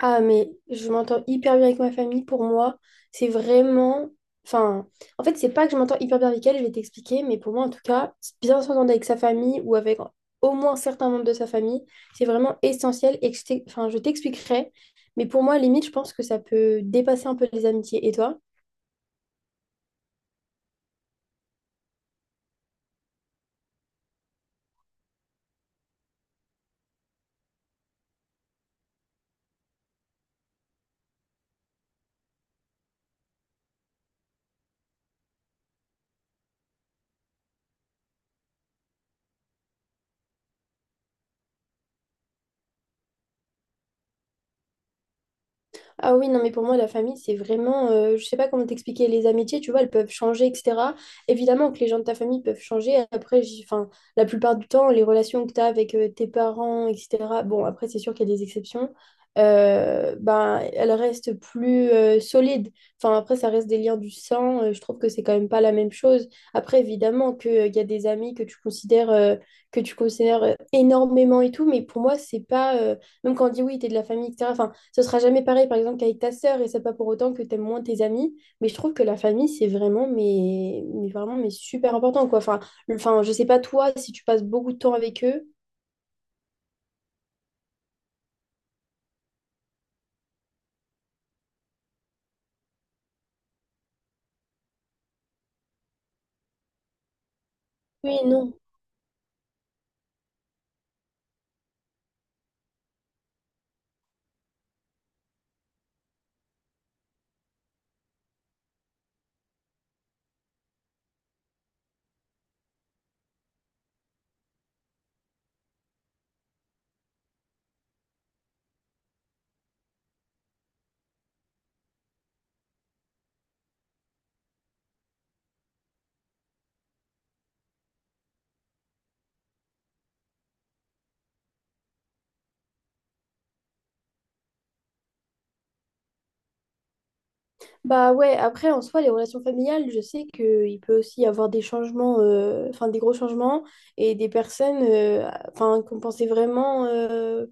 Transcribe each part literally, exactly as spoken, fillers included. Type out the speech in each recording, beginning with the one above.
Ah, mais je m'entends hyper bien avec ma famille. Pour moi, c'est vraiment. Enfin, en fait, c'est pas que je m'entends hyper bien avec elle, je vais t'expliquer, mais pour moi, en tout cas, bien s'entendre avec sa famille ou avec au moins certains membres de sa famille, c'est vraiment essentiel. Et que je t'ex- enfin, je t'expliquerai. Mais pour moi, limite, je pense que ça peut dépasser un peu les amitiés. Et toi? Ah oui, non, mais pour moi, la famille, c'est vraiment, euh, je sais pas comment t'expliquer, les amitiés, tu vois, elles peuvent changer, et cetera. Évidemment que les gens de ta famille peuvent changer. Après, j'y- enfin, la plupart du temps, les relations que tu as avec euh, tes parents, et cetera, bon, après, c'est sûr qu'il y a des exceptions, euh, ben, elles restent plus euh, solides. Enfin, après, ça reste des liens du sang. Euh, je trouve que c'est quand même pas la même chose. Après, évidemment que, euh, il y a des amis que tu considères, euh, que tu considères euh, énormément et tout, mais pour moi, c'est pas, euh, même quand on dit oui, t'es de la famille, et cetera. Ce sera jamais pareil, par exemple, qu'avec ta sœur, et c'est pas pour autant que t'aimes moins tes amis. Mais je trouve que la famille, c'est vraiment, mais, mais vraiment, mais super important, quoi. Enfin, le- enfin, je sais pas toi, si tu passes beaucoup de temps avec eux. Oui, non. Bah ouais, après, en soi, les relations familiales, je sais qu'il peut aussi y avoir des changements, euh, enfin des gros changements, et des personnes euh, enfin, qu'on pensait vraiment, euh,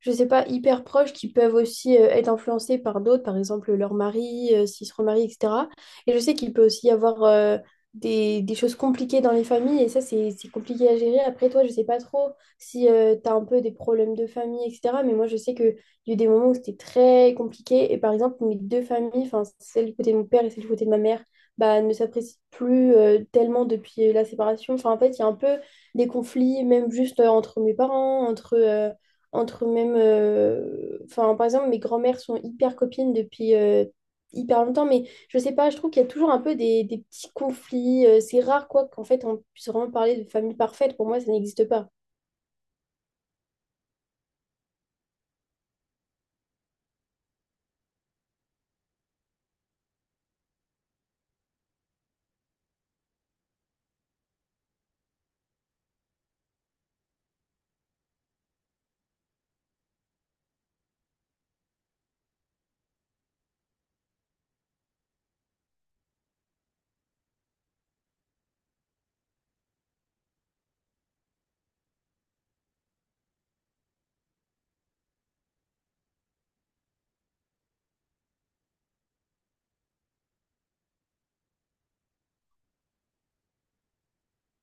je sais pas, hyper proches, qui peuvent aussi euh, être influencées par d'autres, par exemple leur mari, euh, s'ils se remarient, et cetera. Et je sais qu'il peut aussi y avoir euh, des, des choses compliquées dans les familles, et ça, c'est, c'est compliqué à gérer. Après, toi, je sais pas trop si tu as un peu des problèmes de famille, et cetera. Mais moi, je sais que il y a eu des moments où c'était très compliqué. Et par exemple, mes deux familles, enfin, celle du côté de mon père et celle du côté de ma mère, bah, ne s'apprécient plus euh, tellement depuis euh, la séparation. Enfin, en fait, il y a un peu des conflits, même juste euh, entre mes parents, entre, euh, entre même. euh, Enfin, par exemple, mes grands-mères sont hyper copines depuis euh, hyper longtemps. Mais je sais pas, je trouve qu'il y a toujours un peu des, des petits conflits. Euh, c'est rare, quoi, qu'en fait, on puisse vraiment parler de famille parfaite. Pour moi, ça n'existe pas.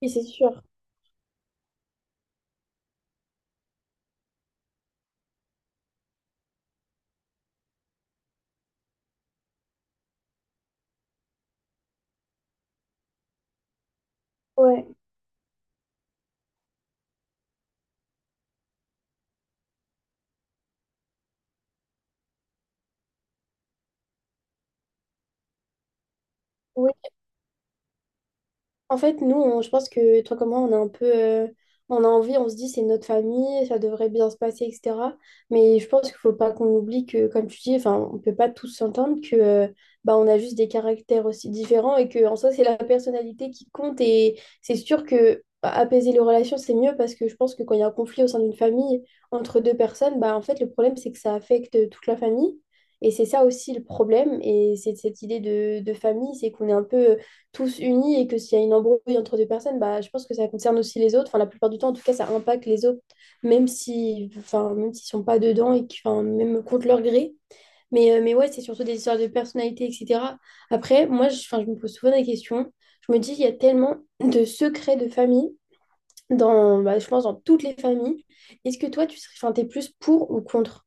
Oui, c'est sûr. Ouais. Oui. En fait, nous, on- je pense que toi comme moi, on a un peu, euh, on a envie, on se dit c'est notre famille, ça devrait bien se passer, et cetera. Mais je pense qu'il faut pas qu'on oublie que, comme tu dis, enfin, on peut pas tous s'entendre que, euh, bah, on a juste des caractères aussi différents et que, en soi, c'est la personnalité qui compte. Et c'est sûr que bah, apaiser les relations, c'est mieux parce que je pense que quand il y a un conflit au sein d'une famille entre deux personnes, bah, en fait, le problème, c'est que ça affecte toute la famille. Et c'est ça aussi le problème. Et c'est cette idée de, de famille, c'est qu'on est un peu tous unis et que s'il y a une embrouille entre deux personnes, bah, je pense que ça concerne aussi les autres. Enfin, la plupart du temps, en tout cas, ça impacte les autres, même si, enfin, même s'ils sont pas dedans et que, enfin, même contre leur gré. Mais, euh, mais ouais, c'est surtout des histoires de personnalité, et cetera. Après, moi, je, enfin, je me pose souvent des questions. Je me dis, il y a tellement de secrets de famille, dans, bah, je pense, dans toutes les familles. Est-ce que toi, tu serais, enfin, t'es plus pour ou contre.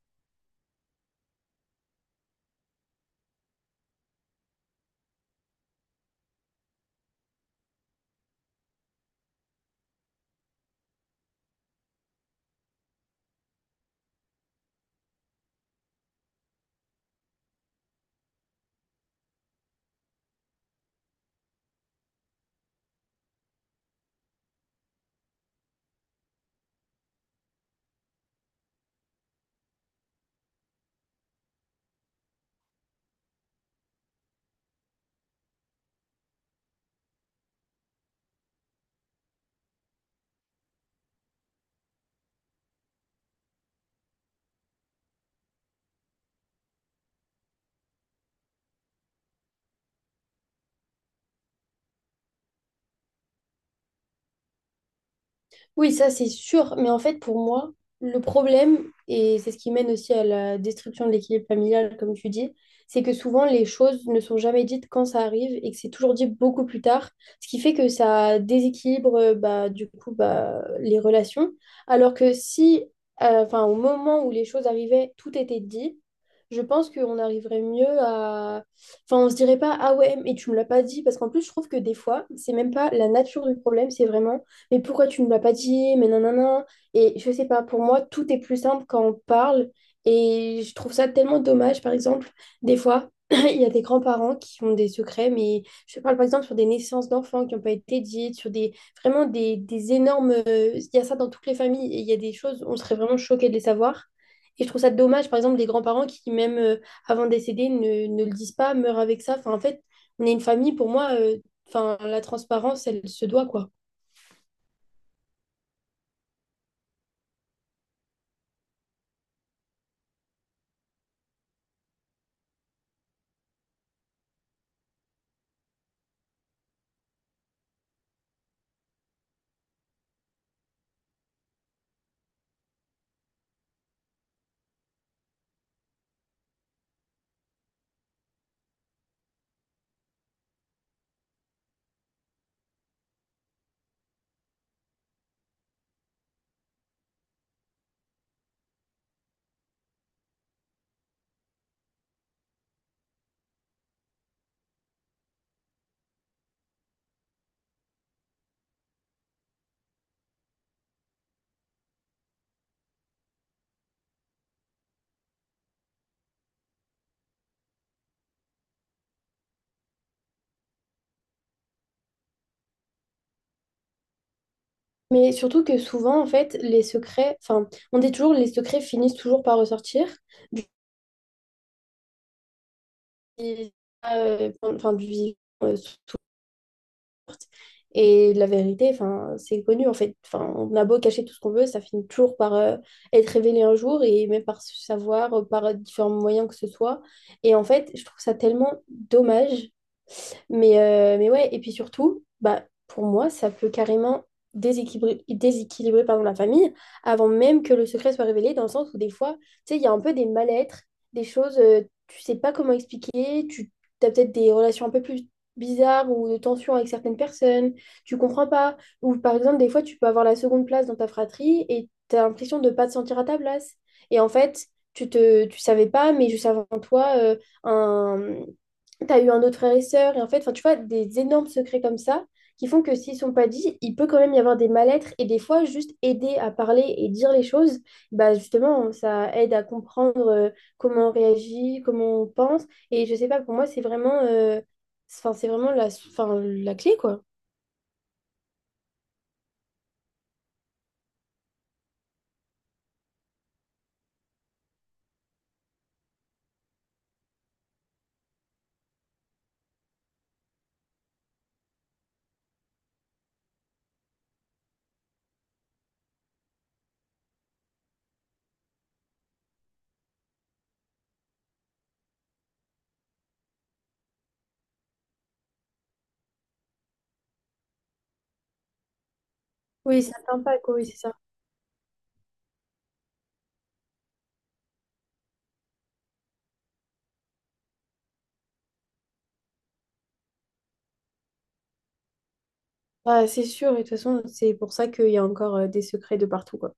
Oui, ça c'est sûr, mais en fait pour moi, le problème, et c'est ce qui mène aussi à la destruction de l'équilibre familial, comme tu dis, c'est que souvent les choses ne sont jamais dites quand ça arrive et que c'est toujours dit beaucoup plus tard, ce qui fait que ça déséquilibre euh, bah, du coup bah, les relations, alors que si, euh, enfin, au moment où les choses arrivaient, tout était dit, je pense qu'on arriverait mieux à... Enfin, on se dirait pas, ah ouais, mais tu me l'as pas dit, parce qu'en plus je trouve que des fois, c'est même pas la nature du problème, c'est vraiment mais pourquoi tu ne me l'as pas dit? Mais nanana. Et je sais pas, pour moi, tout est plus simple quand on parle. Et je trouve ça tellement dommage, par exemple, des fois. Il y a des grands-parents qui ont des secrets, mais je parle par exemple sur des naissances d'enfants qui n'ont pas été dites, sur des vraiment des, des énormes. euh, Il y a ça dans toutes les familles et il y a des choses, on serait vraiment choqués de les savoir. Et je trouve ça dommage, par exemple, des grands-parents qui, même euh, avant de décéder, ne, ne le disent pas, meurent avec ça. Enfin, en fait, on est une famille, pour moi, euh, enfin, la transparence, elle se doit, quoi. Mais surtout que souvent, en fait, les secrets, enfin, on dit toujours, les secrets finissent toujours par ressortir du, euh, enfin, du vivant, euh, surtout. Et la vérité, enfin, c'est connu, en fait. Enfin, on a beau cacher tout ce qu'on veut, ça finit toujours par euh, être révélé un jour et même par se savoir, euh, par différents moyens que ce soit. Et en fait, je trouve ça tellement dommage. Mais, euh, mais ouais, et puis surtout, bah, pour moi, ça peut carrément déséquilibrer, déséquilibrer pardon, la famille avant même que le secret soit révélé, dans le sens où des fois, tu sais, il y a un peu des mal-être, des choses, euh, tu sais pas comment expliquer, tu as peut-être des relations un peu plus bizarres ou de tensions avec certaines personnes, tu comprends pas. Ou par exemple, des fois, tu peux avoir la seconde place dans ta fratrie et tu as l'impression de pas te sentir à ta place. Et en fait, tu te, tu savais pas, mais juste avant toi, euh, un, tu as eu un autre frère et sœur, et en fait, enfin, tu vois, des énormes secrets comme ça qui font que s'ils sont pas dits, il peut quand même y avoir des mal-être, et des fois, juste aider à parler et dire les choses, bah justement, ça aide à comprendre euh, comment on réagit, comment on pense, et je sais pas, pour moi, c'est vraiment, euh, c'est- enfin, c'est vraiment la, enfin, la clé, quoi. Oui, ça sympa, quoi, oui, c'est ça. Bah, c'est sûr, et de toute façon, c'est pour ça qu'il y a encore euh, des secrets de partout, quoi.